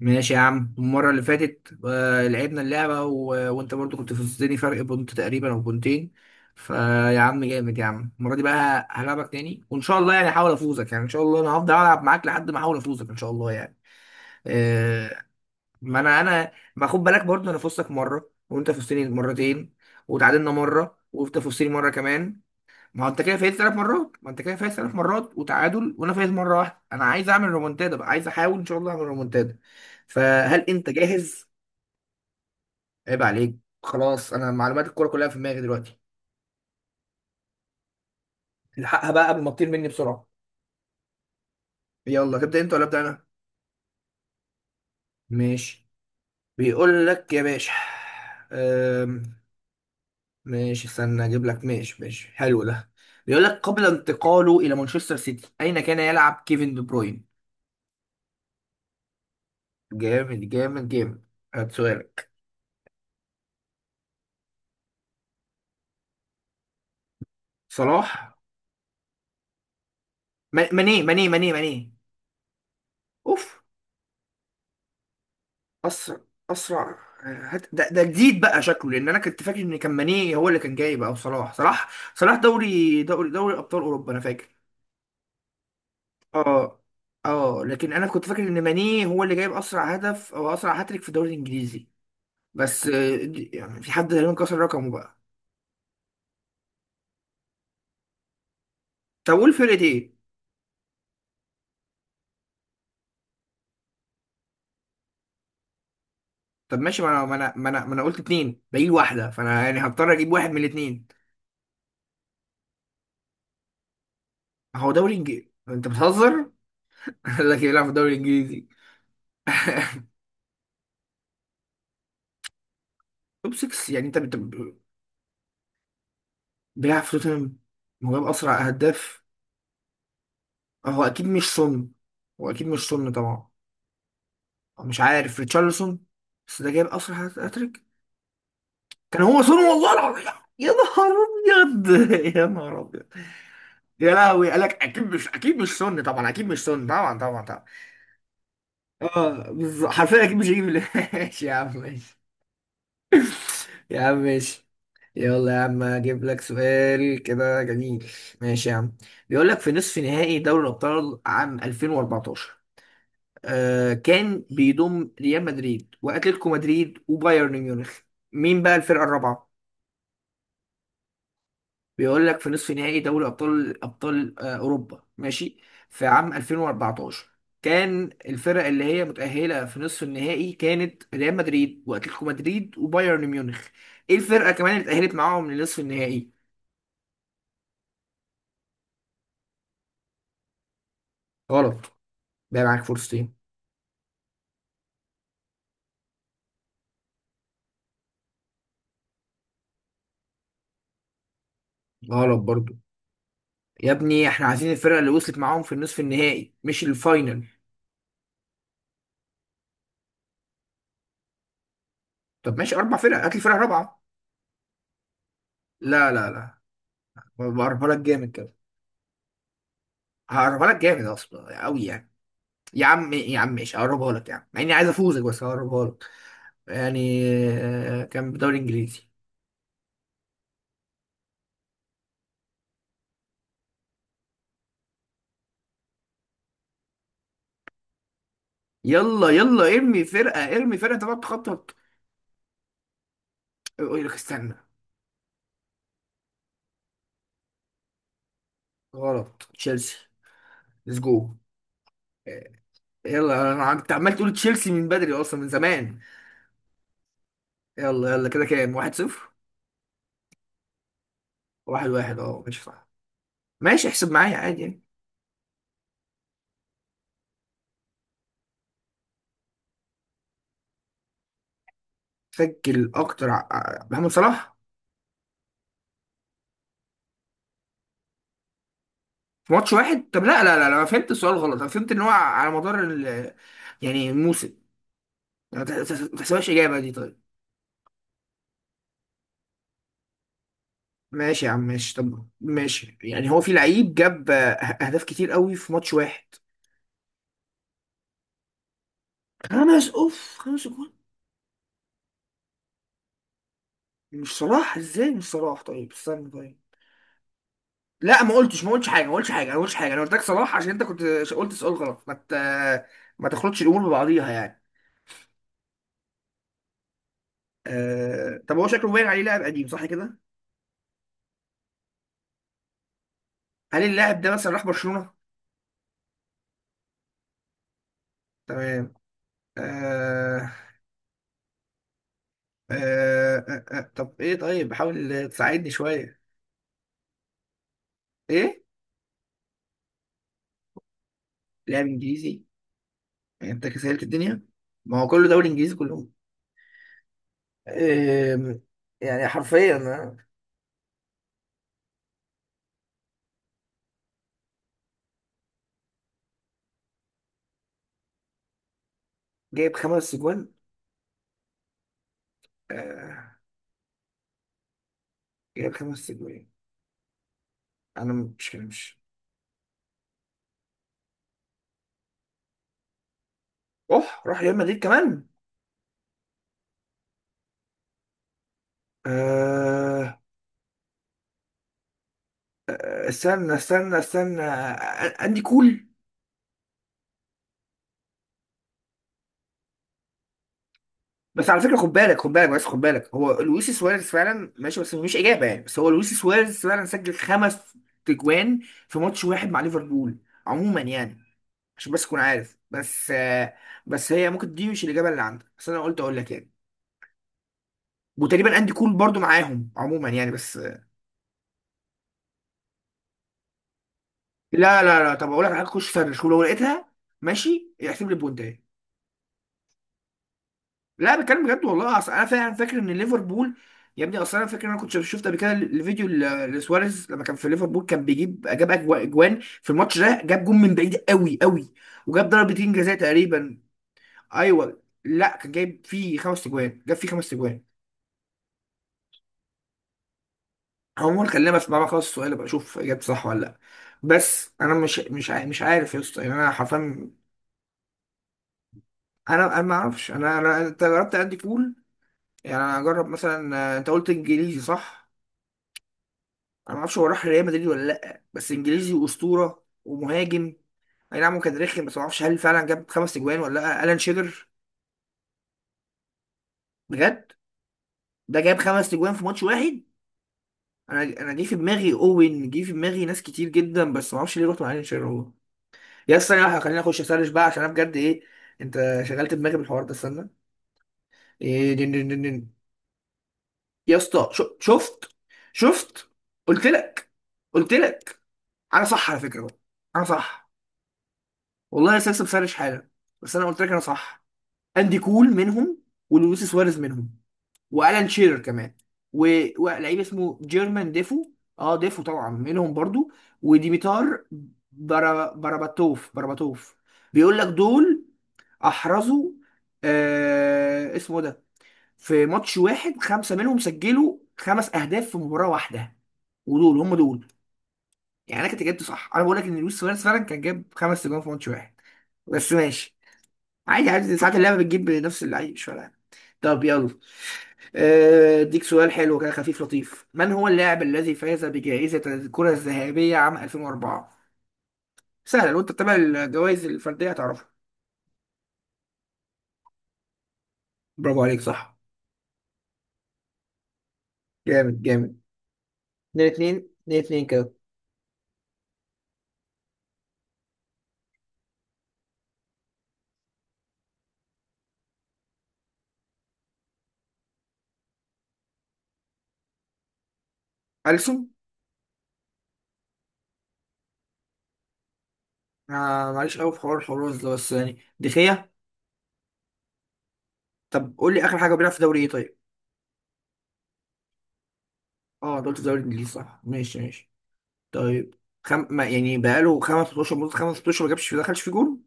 ماشي يا عم. المرة اللي فاتت لعبنا اللعبة وانت برضو كنت فزتني فرق بونت تقريبا او بونتين. فيا عم جامد يا عم، المرة دي بقى هلعبك تاني وان شاء الله يعني هحاول افوزك. يعني ان شاء الله انا هفضل العب معاك لحد ما احاول افوزك ان شاء الله يعني. آه، ما انا ما خد بالك برضو، انا فزتك مرة وانت فزتني مرتين، وتعادلنا مرة وانت فزتني مرة كمان. ما هو انت كده فايز ثلاث مرات، ما انت كده فايز ثلاث مرات وتعادل وانا فايز مره واحده. انا عايز اعمل رومونتادا بقى، عايز احاول ان شاء الله اعمل رومونتادا. فهل انت جاهز؟ عيب عليك. خلاص انا معلومات الكوره كلها في دماغي دلوقتي. الحقها بقى قبل ما تطير مني بسرعه. يلا تبدا انت ولا ابدا انا؟ ماشي. بيقول لك يا باشا. أم... ماشي استنى اجيب لك. ماشي ماشي حلو ده. بيقول لك قبل انتقاله الى مانشستر سيتي اين كان يلعب كيفن دي بروين؟ جامد جامد جامد. هات سؤالك. صلاح. ماني. اوف. اسرع اسرع هات ده، ده جديد بقى شكله، لان انا كنت فاكر ان كان ماني هو اللي كان جاي بقى. وصلاح صلاح صلاح دوري ابطال اوروبا انا فاكر. اه اه، لكن انا كنت فاكر ان ماني هو اللي جايب اسرع هدف او اسرع هاتريك في الدوري الانجليزي. بس يعني في حد تقريبا كسر رقمه بقى. طب قول فرقة ايه. طب ماشي، ما أنا قلت اتنين باقي واحدة، فانا يعني هضطر اجيب واحد من الاتنين. هو دوري انجليزي انت بتهزر؟ لكن يلعب في الدوري الانجليزي. توب 6 يعني انت بيلعب في توتنهام وجاب اسرع اهداف. هو اكيد مش سون، هو اكيد مش سون طبعا. هو مش عارف ريتشارلسون بس ده جايب اسرع هاتريك. كان هو سون والله العظيم. يا نهار ابيض. يا نهار ابيض. يا لهوي، قالك اكيد مش سون طبعا، اكيد مش سون طبعا طبعا طبعا. اه بالظبط حرفيا اكيد مش هيجيب ماشي يا عم ماشي. يا عم ماشي. يلا يا عم اجيب لك سؤال كده جميل. ماشي يا عم. بيقول لك في نصف نهائي دوري الابطال عام 2014، كان بيضم ريال مدريد واتلتيكو مدريد وبايرن ميونخ. مين بقى الفرقه الرابعه؟ بيقول لك في نصف نهائي دوري ابطال ابطال اوروبا، ماشي، في عام 2014 كان الفرق اللي هي متأهلة في نصف النهائي كانت ريال مدريد واتلتيكو مدريد وبايرن ميونخ. ايه الفرقة كمان اللي اتأهلت معاهم لنصف النهائي؟ غلط. بقى معاك فرصتين. غلط برضو. يا ابني احنا عايزين الفرقه اللي وصلت معاهم في النصف النهائي مش الفاينل. طب ماشي اربع فرق، هات لي فرقه رابعه. لا لا لا، بقربها لك جامد كده. هقربها لك جامد اصلا قوي يعني. يا عم يا عم ماشي، هقربها لك يعني، مع اني عايز افوزك بس هقربها لك يعني. كان بدوري انجليزي. يلا يلا ارمي فرقه، ارمي فرقه، انت بقى تخطط. يقول لك استنى. غلط، تشيلسي. ليتس جو. يلا انا انت عمال تقول تشيلسي من بدري اصلا من زمان. يلا يلا كده كام، واحد صفر؟ واحد واحد اه ماشي صح. ماشي احسب معايا عادي يعني. سجل اكتر محمد صلاح. في ماتش واحد؟ طب لا لا لا لا، انا فهمت السؤال غلط. انا فهمت ان هو على مدار ال يعني الموسم. ما تحسبهاش اجابه دي طيب. ماشي يا عم ماشي. طب ماشي، يعني هو في لعيب جاب اهداف كتير قوي في ماتش واحد. خمس اوف. خمس جول. مش صلاح؟ ازاي مش صلاح؟ طيب استنى طيب. لا ما قلتش حاجه، ما قلتش حاجه. انا ما قلتش حاجه، انا قلت لك صلاح عشان انت كنت قلت سؤال غلط. ما تخلطش الامور ببعضيها يعني. طب هو شكله باين عليه لاعب قديم صح كده؟ هل اللاعب ده مثلا راح برشلونه؟ تمام. آه... طب ايه طيب، حاول تساعدني شويه. ايه؟ لاعب انجليزي. يعني انت كسلت الدنيا، ما هو كله دوري انجليزي كلهم. آه... يعني حرفيا أنا. جايب خمس اجوان. آه... جايب خمس اجوان. انا مش. اوه راح ريال مدريد كمان. أه. استنى استنى استنى، اندي كول. بس على فكره خد بالك، خد بالك بس، خد بالك هو لويس سواريز فعلا ماشي، بس مش اجابه يعني، بس هو لويس سواريز فعلا سجل خمس تجوان في ماتش واحد مع ليفربول عموما يعني. عشان بس تكون عارف بس بس هي ممكن دي مش الاجابه اللي عندك، بس انا قلت اقول لك يعني. وتقريبا اندي كول برضو معاهم عموما يعني بس لا لا لا. طب اقول لك على حاجه، خش سرش ولو لقيتها ماشي احسب لي بوينت. لا بتكلم بجد والله، اصل انا فعلا فاكر ان ليفربول. يا ابني اصل انا فاكر ان انا كنت شفت قبل كده الفيديو لسواريز لما كان في ليفربول كان بيجيب، جاب اجوان في الماتش ده، جاب جون من بعيد قوي قوي، وجاب ضربتين جزاء تقريبا. ايوه لا، كان جايب فيه خمس اجوان، جاب فيه خمس اجوان. عموما خلينا بس بقى خلاص السؤال بقى، اشوف اجابتي صح ولا لا. بس انا مش عارف يا اسطى يعني. انا حرفيا انا انا ما اعرفش. انا انت جربت عندي كول، يعني انا اجرب مثلا. انت قلت انجليزي صح؟ انا ما اعرفش هو راح ريال مدريد ولا لا، بس انجليزي واسطوره ومهاجم. اي نعم هو كان رخم، بس ما اعرفش هل فعلا جاب خمس اجوان ولا لا. الان شيرر. بجد؟ ده جاب خمس اجوان في ماتش واحد. انا جه في دماغي، اوين جه في دماغي ناس كتير جدا، بس ما اعرفش ليه رحت مع الان شيرر هو. يا استنى واحدة، خليني اخش اسرش بقى عشان انا بجد ايه. انت شغلت دماغي بالحوار ده استنى. إيه دين دين دين دين. يا اسطى شفت شفت. قلت لك قلت لك، انا صح على فكره بقى. انا صح والله يا استاذ، بسرش حالا بس انا قلت لك انا صح. اندي كول منهم، ولويس سواريز منهم، والان شيرر كمان، ولعيب اسمه جيرمان ديفو. اه ديفو طبعا منهم برضو. وديميتار براباتوف بيقول لك دول احرزوا، اسمه ده، في ماتش واحد خمسه منهم سجلوا خمس اهداف في مباراه واحده، ودول هم دول. يعني انا كنت جبت صح، انا بقول لك ان لويس سواريز فعلا كان جاب خمس اجوان في ماتش واحد، بس ماشي. عادي عادي، ساعات اللعبة بتجيب نفس اللعيب مش فارقة. طب يلا، اديك سؤال حلو كده خفيف لطيف. من هو اللاعب الذي فاز بجائزة الكرة الذهبية عام 2004؟ سهلة لو انت بتتابع الجوائز الفردية هتعرفها. برافو عليك صح. جامد جامد. اتنين اتنين. اتنين اتنين كده. ألسن. آه معلش قوي في حوار الحراس ده، بس يعني دخية. طب قول لي آخر حاجة، بيلعب في دوري ايه طيب؟ اه دوري الدوري الإنجليزي صح، ماشي ماشي. طيب ما يعني بقاله خمس 16 مدة، خمس 16 ما جابش ما دخلش في جول.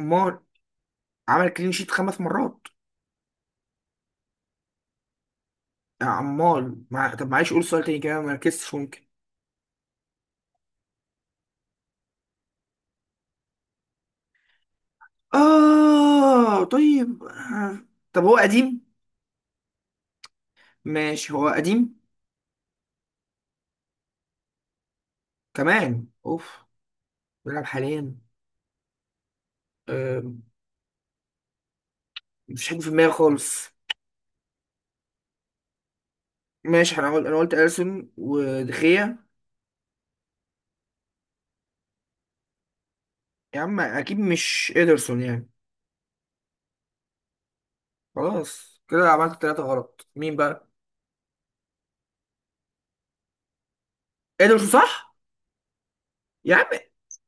امال. عمل كلين شيت خمس مرات. يا عمال طب معلش قول سؤال تاني كده، ما ركزتش ممكن. آه طيب آه. طب هو قديم؟ ماشي هو قديم. كمان اوف. بيلعب حاليا. آه. مفيش حد في دماغي خالص. ماشي انا قلت، انا قلت اليسون ودخية. يا عم اكيد مش ادرسون يعني. خلاص كده عملت ثلاثة غلط، مين بقى؟ ادرسون صح. يا عم.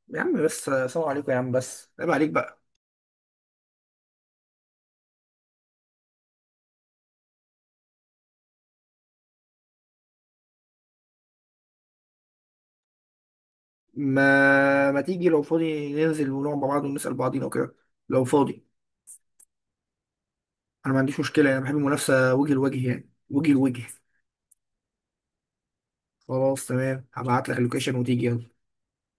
يا عم بس، سلام عليكم يا عم بس، عيب عليك بقى. ما ما تيجي لو فاضي ننزل ونقعد مع بعض ونسأل بعضينا وكده؟ لو فاضي. انا ما عنديش مشكلة، انا بحب المنافسة وجه لوجه يعني، وجه لوجه. خلاص تمام هبعت لك اللوكيشن وتيجي يلا.